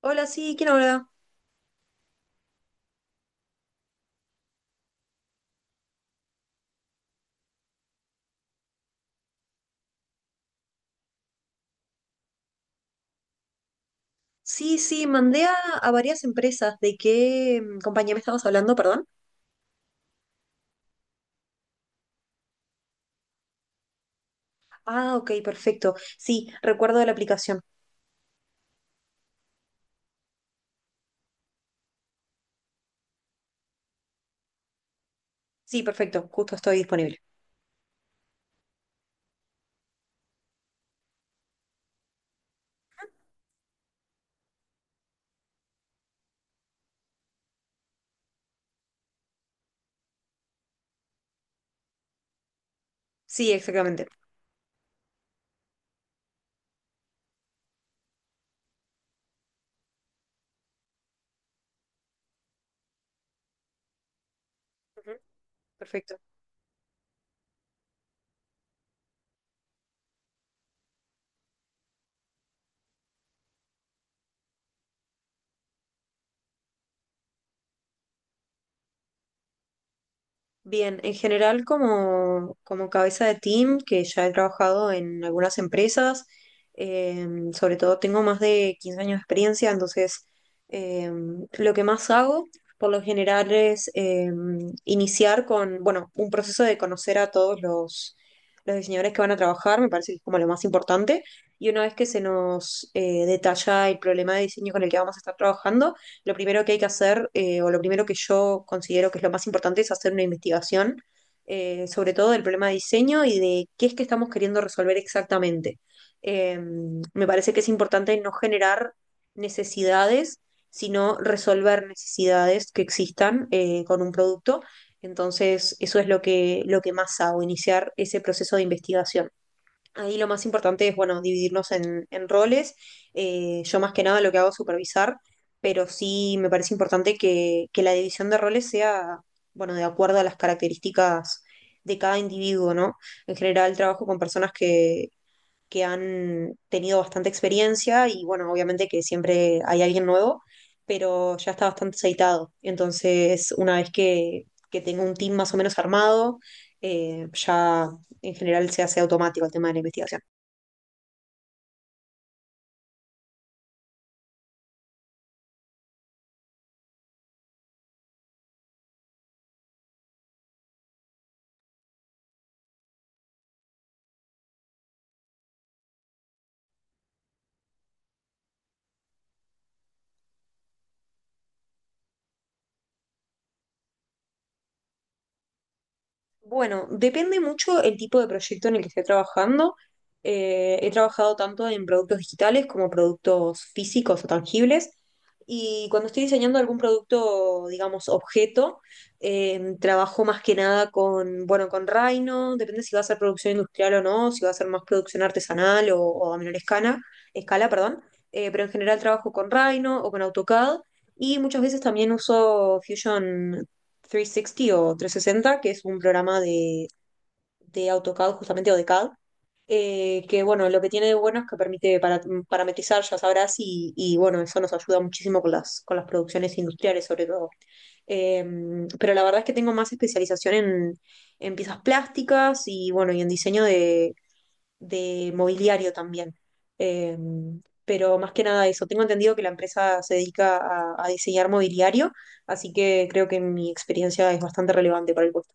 Hola, sí, ¿quién habla? Sí, sí, mandé a varias empresas. ¿De qué compañía me estabas hablando, perdón? Ah, ok, perfecto. Sí, recuerdo de la aplicación. Sí, perfecto, justo estoy disponible. Sí, exactamente. Ujú. Perfecto. Bien, en general como cabeza de team, que ya he trabajado en algunas empresas, eh, sobre todo tengo más de 15 años de experiencia. Entonces, eh, lo que más hago por lo general es iniciar con, bueno, un proceso de conocer a todos los diseñadores que van a trabajar. Me parece que es como lo más importante, y una vez que se nos detalla el problema de diseño con el que vamos a estar trabajando, lo primero que hay que hacer, o lo primero que yo considero que es lo más importante, es hacer una investigación, sobre todo del problema de diseño y de qué es que estamos queriendo resolver exactamente. Eh, Me parece que es importante no generar necesidades, sino resolver necesidades que existan con un producto. Entonces, eso es lo que más hago, iniciar ese proceso de investigación. Ahí lo más importante es, bueno, dividirnos en roles. Yo más que nada lo que hago es supervisar, pero sí me parece importante que la división de roles sea, bueno, de acuerdo a las características de cada individuo, ¿no? En general trabajo con personas que han tenido bastante experiencia y, bueno, obviamente que siempre hay alguien nuevo, pero ya está bastante aceitado. Entonces, una vez que tengo un team más o menos armado, ya en general se hace automático el tema de la investigación. Bueno, depende mucho el tipo de proyecto en el que esté trabajando. He trabajado tanto en productos digitales como productos físicos o tangibles. Y cuando estoy diseñando algún producto, digamos, objeto, trabajo más que nada bueno, con Rhino, depende si va a ser producción industrial o no, si va a ser más producción artesanal o a menor escala, escala, perdón. Pero en general trabajo con Rhino o con AutoCAD, y muchas veces también uso Fusion 360 o 360, que es un programa de AutoCAD justamente o de CAD. Que, bueno, lo que tiene de bueno es que permite parametrizar, ya sabrás, y, bueno, eso nos ayuda muchísimo con las producciones industriales sobre todo. Eh, pero la verdad es que tengo más especialización en piezas plásticas y, bueno, y en diseño de mobiliario también. Eh, pero más que nada eso, tengo entendido que la empresa se dedica a diseñar mobiliario, así que creo que mi experiencia es bastante relevante para el puesto.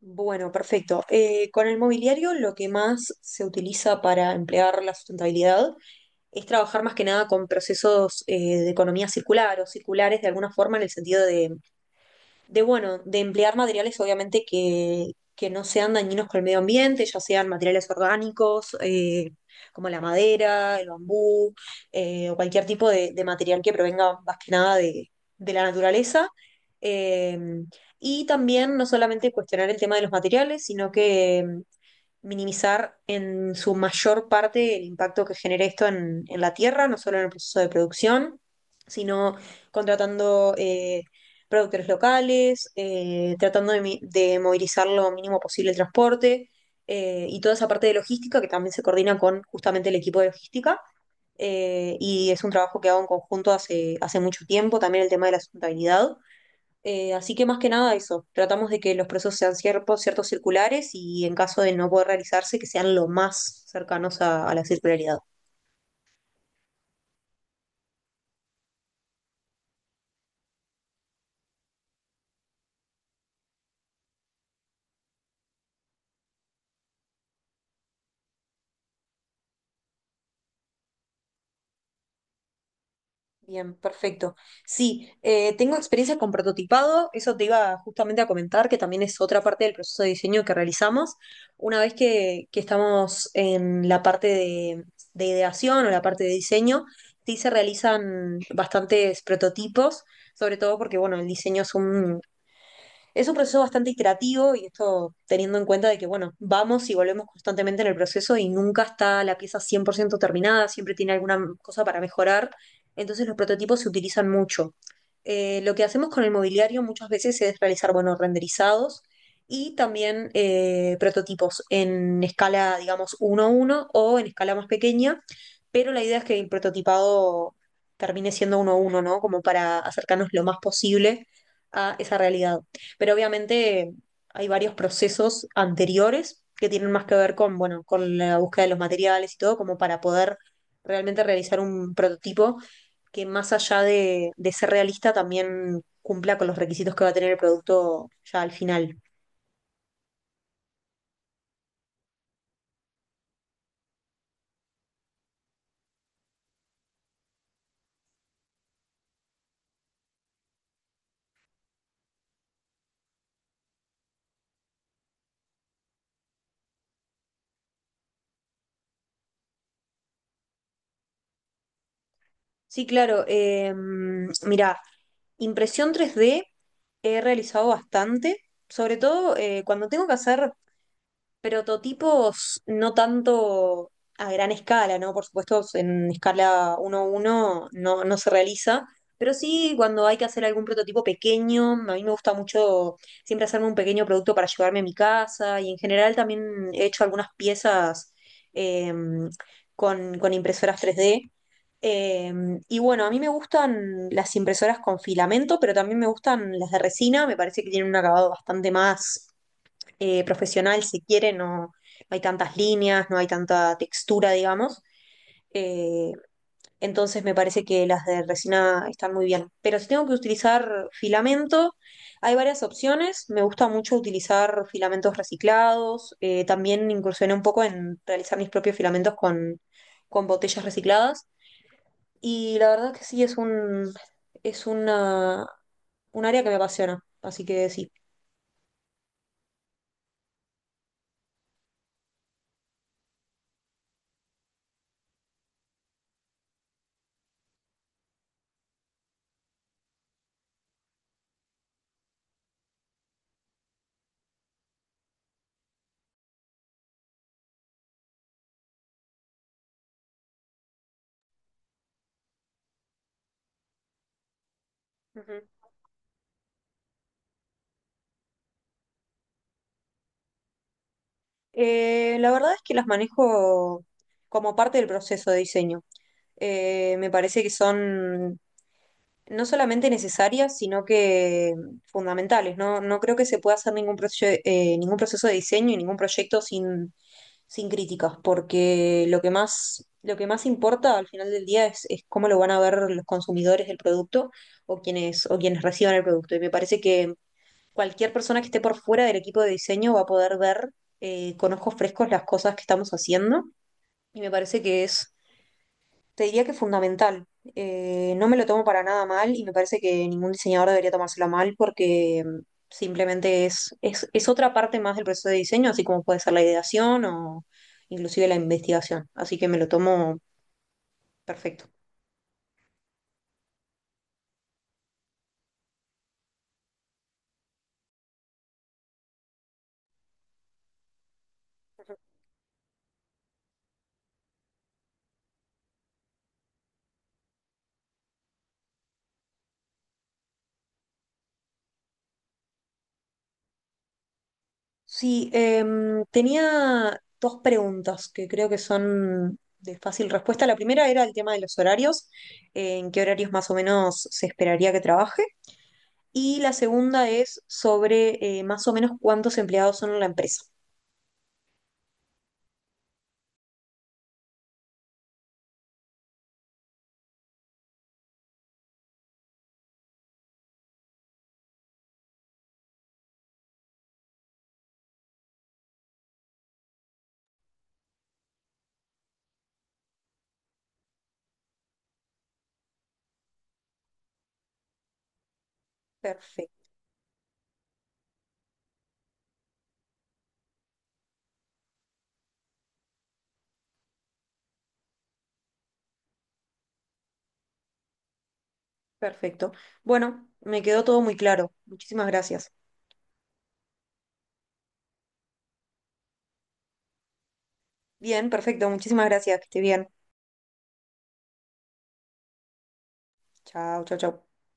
Bueno, perfecto. Con el mobiliario lo que más se utiliza para emplear la sustentabilidad es trabajar más que nada con procesos de economía circular o circulares de alguna forma, en el sentido de emplear materiales obviamente que no sean dañinos con el medio ambiente, ya sean materiales orgánicos, como la madera, el bambú, o cualquier tipo de material que provenga más que nada de la naturaleza. Eh, y también no solamente cuestionar el tema de los materiales, sino que minimizar en su mayor parte el impacto que genere esto en la tierra, no solo en el proceso de producción, sino contratando productores locales, tratando de movilizar lo mínimo posible el transporte y toda esa parte de logística que también se coordina con justamente el equipo de logística, y es un trabajo que hago en conjunto hace, hace mucho tiempo, también el tema de la sustentabilidad. Así que más que nada eso, tratamos de que los procesos sean ciertos, ciertos circulares, y en caso de no poder realizarse, que sean lo más cercanos a la circularidad. Bien, perfecto. Sí, tengo experiencia con prototipado, eso te iba justamente a comentar, que también es otra parte del proceso de diseño que realizamos. Una vez que estamos en la parte de ideación o la parte de diseño, sí se realizan bastantes prototipos, sobre todo porque, bueno, el diseño es un proceso bastante iterativo, y esto teniendo en cuenta de que, bueno, vamos y volvemos constantemente en el proceso y nunca está la pieza 100% terminada, siempre tiene alguna cosa para mejorar. Entonces los prototipos se utilizan mucho. Lo que hacemos con el mobiliario muchas veces es realizar, bueno, renderizados, y también prototipos en escala, digamos, uno a uno o en escala más pequeña, pero la idea es que el prototipado termine siendo uno a uno, ¿no? Como para acercarnos lo más posible a esa realidad. Pero obviamente hay varios procesos anteriores que tienen más que ver con, bueno, con la búsqueda de los materiales y todo, como para poder realmente realizar un prototipo que, más allá de ser realista, también cumpla con los requisitos que va a tener el producto ya al final. Sí, claro. Mira, impresión 3D he realizado bastante, sobre todo cuando tengo que hacer prototipos no tanto a gran escala, ¿no? Por supuesto, en escala uno a uno no se realiza, pero sí cuando hay que hacer algún prototipo pequeño. A mí me gusta mucho siempre hacerme un pequeño producto para llevarme a mi casa, y en general también he hecho algunas piezas, eh, con, impresoras 3D. Eh, y, bueno, a mí me gustan las impresoras con filamento, pero también me gustan las de resina. Me parece que tienen un acabado bastante más profesional, si quiere, no hay tantas líneas, no hay tanta textura, digamos. Eh, entonces me parece que las de resina están muy bien. Pero si tengo que utilizar filamento, hay varias opciones. Me gusta mucho utilizar filamentos reciclados. También incursioné un poco en realizar mis propios filamentos con, botellas recicladas. Y la verdad que sí, es un, es una, un área que me apasiona. Así que sí. Ujú. La verdad es que las manejo como parte del proceso de diseño. Me parece que son no solamente necesarias, sino que fundamentales. No, no creo que se pueda hacer ningún, ningún proceso de diseño y ningún proyecto sin críticas, porque lo que más importa al final del día es cómo lo van a ver los consumidores del producto, o quienes reciban el producto. Y me parece que cualquier persona que esté por fuera del equipo de diseño va a poder ver con ojos frescos las cosas que estamos haciendo, y me parece que te diría que fundamental. No me lo tomo para nada mal, y me parece que ningún diseñador debería tomárselo mal, porque simplemente es otra parte más del proceso de diseño, así como puede ser la ideación o inclusive la investigación. Así que me lo tomo perfecto. Sí, tenía dos preguntas que creo que son de fácil respuesta. La primera era el tema de los horarios, en qué horarios más o menos se esperaría que trabaje. Y la segunda es sobre más o menos cuántos empleados son en la empresa. Perfecto, perfecto. Bueno, me quedó todo muy claro. Muchísimas gracias. Bien, perfecto, muchísimas gracias. Que esté bien. Chao, chao, chao.